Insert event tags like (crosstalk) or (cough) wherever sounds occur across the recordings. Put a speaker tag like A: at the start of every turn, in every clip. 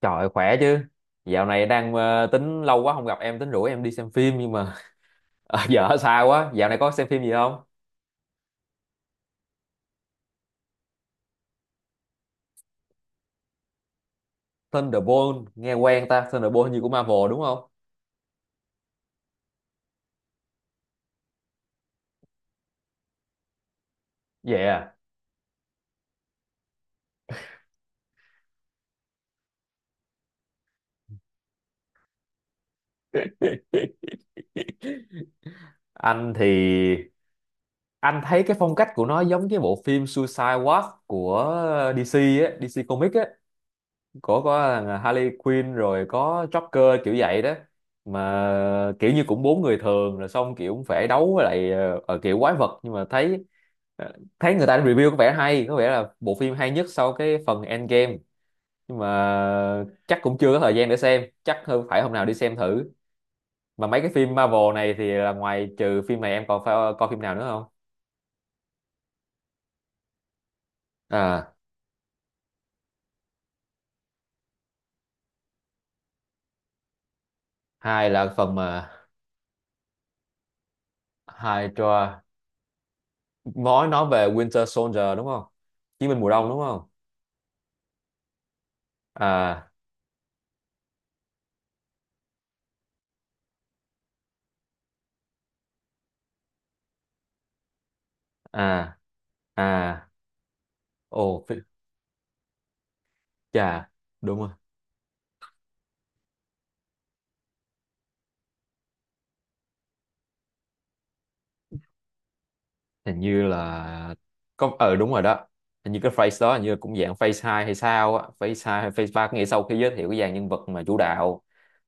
A: Trời khỏe chứ. Dạo này đang tính lâu quá không gặp em tính rủ em đi xem phim nhưng mà (laughs) giờ ở xa quá. Dạo này có xem phim gì không? Thunderbolt nghe quen ta, Thunderbolt như của Marvel đúng không? Yeah. Anh thì anh thấy cái phong cách của nó giống cái bộ phim Suicide Squad của DC á, DC Comics á. Có thằng Harley Quinn rồi có Joker kiểu vậy đó, mà kiểu như cũng bốn người thường rồi xong kiểu cũng phải đấu với lại kiểu quái vật, nhưng mà thấy ờ, thấy người ta review có vẻ hay, có vẻ là bộ phim hay nhất sau cái phần Endgame, nhưng mà chắc cũng chưa có thời gian để xem, chắc hơn phải hôm nào đi xem thử. Mà mấy cái phim Marvel này thì là ngoài trừ phim này em còn phải coi phim nào nữa không? À, hai là phần mà Hydra, nói về Winter Soldier đúng không, chiến binh mùa đông đúng không? À, à, à, ồ, chà, đúng rồi. Hình như là có đúng rồi đó. Hình như cái phrase đó hình như cũng dạng phase 2 hay sao á, phase 2 hay phase ba, có nghĩa sau khi giới thiệu cái dàn nhân vật mà chủ đạo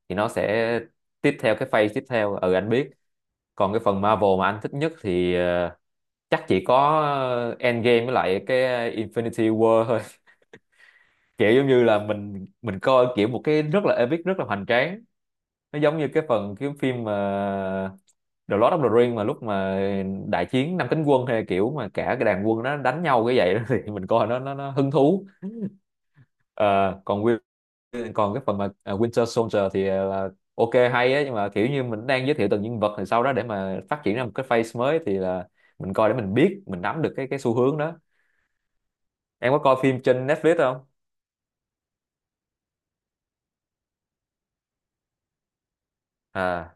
A: thì nó sẽ tiếp theo cái phase tiếp theo, ừ anh biết. Còn cái phần Marvel mà anh thích nhất thì chắc chỉ có Endgame với lại cái Infinity War thôi. (laughs) Kiểu giống như là mình coi kiểu một cái rất là epic, rất là hoành tráng. Nó giống như cái phần cái phim mà The Lord of the Rings mà lúc mà đại chiến năm cánh quân, hay kiểu mà cả cái đàn quân nó đánh nhau cái vậy đó, (laughs) thì mình coi nó hứng thú. Ờ, còn còn cái phần mà Winter Soldier thì là ok hay á, nhưng mà kiểu như mình đang giới thiệu từng nhân vật thì sau đó để mà phát triển ra một cái phase mới thì là mình coi để mình biết, mình nắm được cái xu hướng đó. Em có coi phim trên Netflix không? À.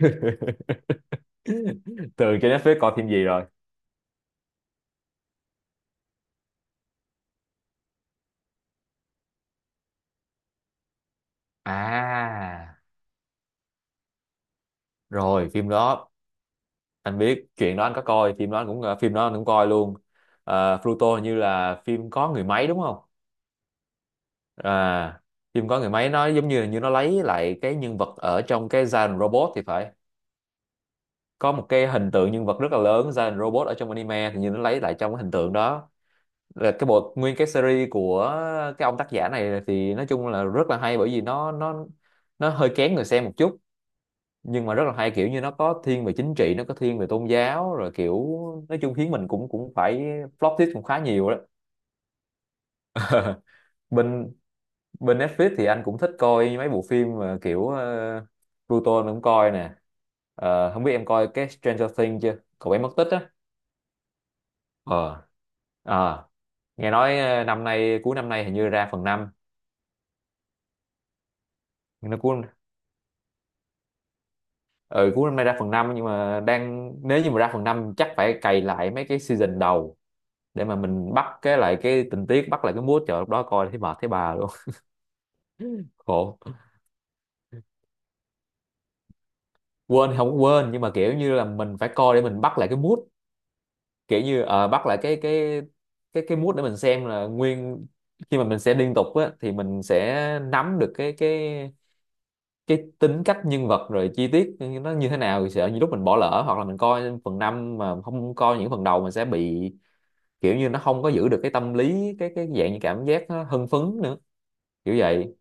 A: (laughs) Thường trên Netflix coi phim gì rồi? À, rồi phim đó anh biết chuyện đó, anh có coi phim đó, anh cũng phim đó anh cũng coi luôn. Pluto hình như là phim có người máy đúng không? À, phim có người máy nó giống như là như nó lấy lại cái nhân vật ở trong cái Giant Robot thì phải. Có một cái hình tượng nhân vật rất là lớn, Giant Robot ở trong anime thì như nó lấy lại trong cái hình tượng đó. Là cái bộ nguyên cái series của cái ông tác giả này thì nói chung là rất là hay, bởi vì nó hơi kén người xem một chút, nhưng mà rất là hay. Kiểu như nó có thiên về chính trị, nó có thiên về tôn giáo, rồi kiểu nói chung khiến mình cũng cũng phải flop tip cũng khá nhiều đó. Bên bên Netflix thì anh cũng thích coi mấy bộ phim mà kiểu Pluto anh cũng coi nè. Không biết em coi cái Stranger Things chưa, cậu bé mất tích á? ờ à, nghe nói năm nay cuối năm nay hình như ra phần năm. nó cuối ừ, Cuối năm nay ra phần năm, nhưng mà đang nếu như mà ra phần 5 chắc phải cày lại mấy cái season đầu để mà mình bắt cái lại cái tình tiết, bắt lại cái mood, trời lúc đó coi thấy mệt thấy bà luôn. (laughs) Khổ, quên thì không quên, nhưng mà kiểu như là mình phải coi để mình bắt lại cái mood. Kiểu như bắt lại cái mood để mình xem là nguyên, khi mà mình sẽ liên tục á thì mình sẽ nắm được cái tính cách nhân vật rồi chi tiết nó như thế nào. Thì sợ như lúc mình bỏ lỡ hoặc là mình coi phần 5 mà không coi những phần đầu mình sẽ bị kiểu như nó không có giữ được cái tâm lý, cái dạng như cảm giác nó hưng phấn nữa, kiểu vậy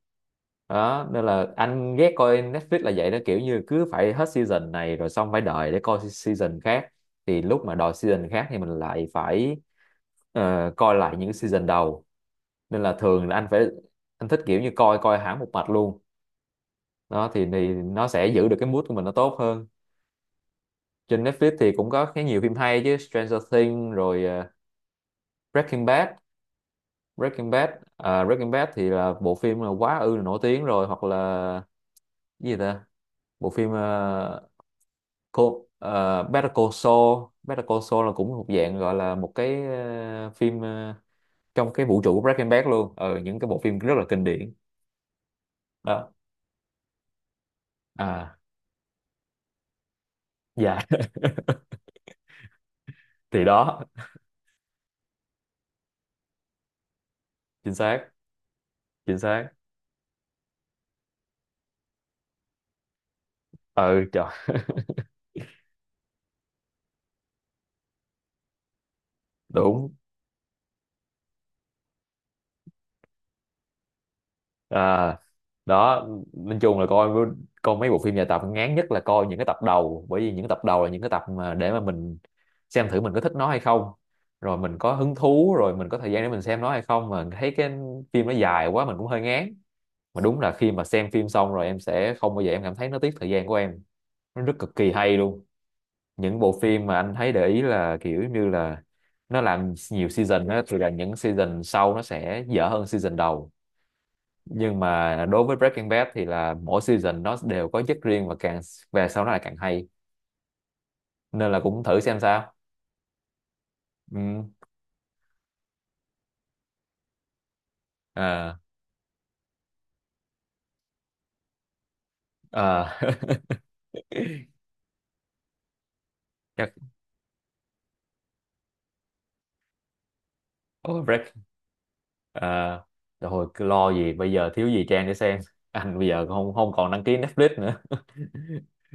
A: đó. Nên là anh ghét coi Netflix là vậy đó, kiểu như cứ phải hết season này rồi xong phải đợi để coi season khác, thì lúc mà đòi season khác thì mình lại phải coi lại những season đầu. Nên là thường là anh thích kiểu như coi coi hẳn một mạch luôn. Đó thì, nó sẽ giữ được cái mood của mình nó tốt hơn. Trên Netflix thì cũng có khá nhiều phim hay chứ, Stranger Things rồi Breaking Bad, Breaking Bad Breaking Bad thì là bộ phim là quá ư là nổi tiếng rồi, hoặc là cái gì ta, bộ phim cô Better Call Saul, là cũng một dạng gọi là một cái phim trong cái vũ trụ của Breaking Bad luôn. Ờ những cái bộ phim rất là kinh điển, đó. À, dạ. (laughs) Thì đó, chính xác, chính xác, ừ trời, đúng, à, đó. Nói chung là coi coi mấy bộ phim dài tập ngán nhất là coi những cái tập đầu, bởi vì những tập đầu là những cái tập mà để mà mình xem thử mình có thích nó hay không, rồi mình có hứng thú, rồi mình có thời gian để mình xem nó hay không. Mà thấy cái phim nó dài quá mình cũng hơi ngán. Mà đúng là khi mà xem phim xong rồi em sẽ không bao giờ em cảm thấy nó tiếc thời gian của em, nó rất cực kỳ hay luôn. Những bộ phim mà anh thấy để ý là kiểu như là nó làm nhiều season á, thì là những season sau nó sẽ dở hơn season đầu, nhưng mà đối với Breaking Bad thì là mỗi season nó đều có chất riêng và càng về sau nó lại càng hay, nên là cũng thử xem sao. Ừ. À, à. (laughs) Chắc, ôi, à, rồi cứ lo gì bây giờ thiếu gì Trang để xem. (laughs) Anh bây giờ không không còn đăng ký Netflix nữa.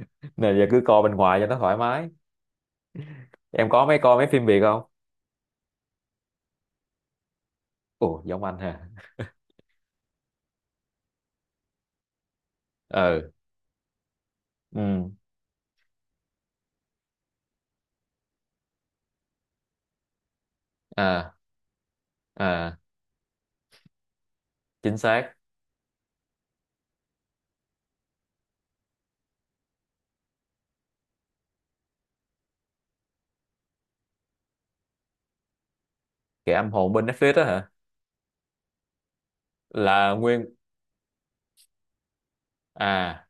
A: (laughs) Nên giờ cứ coi bên ngoài cho nó thoải mái. Em có mấy coi mấy phim Việt không? Ủa giống anh hả? Ừ, ừ, à, à, chính xác. Kẻ âm hồn bên Netflix đó hả? Là nguyên, à,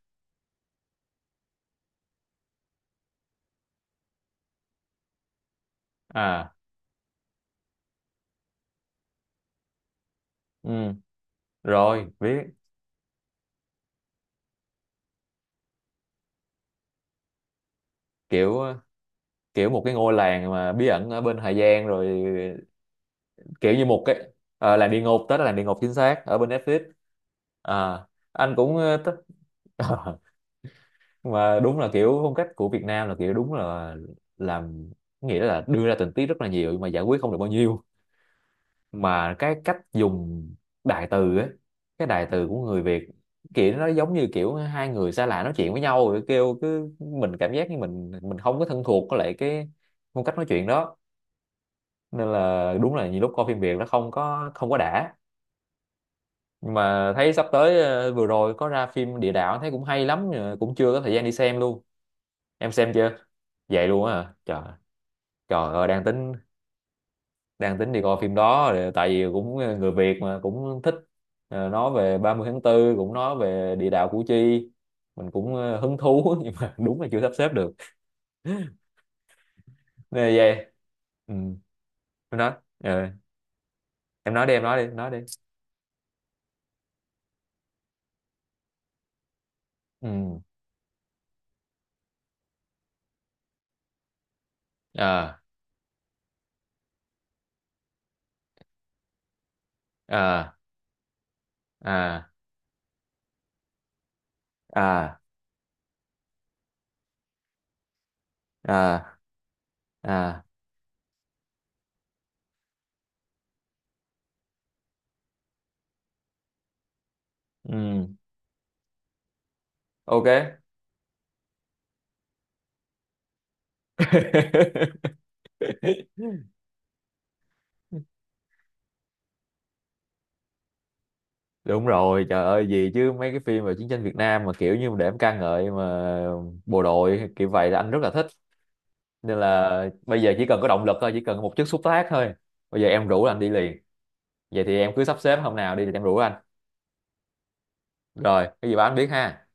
A: à, ừ, rồi biết. Kiểu kiểu một cái ngôi làng mà bí ẩn ở bên Hà Giang, rồi kiểu như một cái làng địa ngục, tết là làng địa ngục, chính xác ở bên Netflix. À, anh cũng thích. (laughs) Mà đúng là kiểu phong cách của Việt Nam là kiểu đúng là làm, nghĩa là đưa ra tình tiết rất là nhiều nhưng mà giải quyết không được bao nhiêu. Mà cái cách dùng đại từ ấy, cái đại từ của người Việt, kiểu nó giống như kiểu hai người xa lạ nói chuyện với nhau, rồi kêu cứ mình cảm giác như mình không có thân thuộc với lại cái phong cách nói chuyện đó. Nên là đúng là nhiều lúc coi phim Việt nó không có đã. Nhưng mà thấy sắp tới vừa rồi có ra phim Địa Đạo thấy cũng hay lắm, nhưng mà cũng chưa có thời gian đi xem luôn. Em xem chưa? Vậy luôn á hả? Trời, trời ơi, đang tính đi coi phim đó. Ờ, tại vì cũng người Việt mà cũng thích nói về ba mươi tháng 4, cũng nói về Địa Đạo Củ Chi, mình cũng hứng thú, (laughs) nhưng mà đúng là chưa sắp xếp được, nên vậy. Ừ. Em nói ờ, em nói đi, em nói đi, em nói đi. Ừ, à, à, à, à, à, à, ừ, ok. (laughs) Đúng rồi, trời ơi, gì chứ mấy cái phim về chiến tranh Việt Nam mà kiểu như để em ca ngợi mà bộ đội kiểu vậy là anh rất là thích. Nên là bây giờ chỉ cần có động lực thôi, chỉ cần một chút xúc tác thôi, bây giờ em rủ anh đi liền. Vậy thì em cứ sắp xếp hôm nào đi thì em rủ anh, rồi cái gì báo anh biết ha.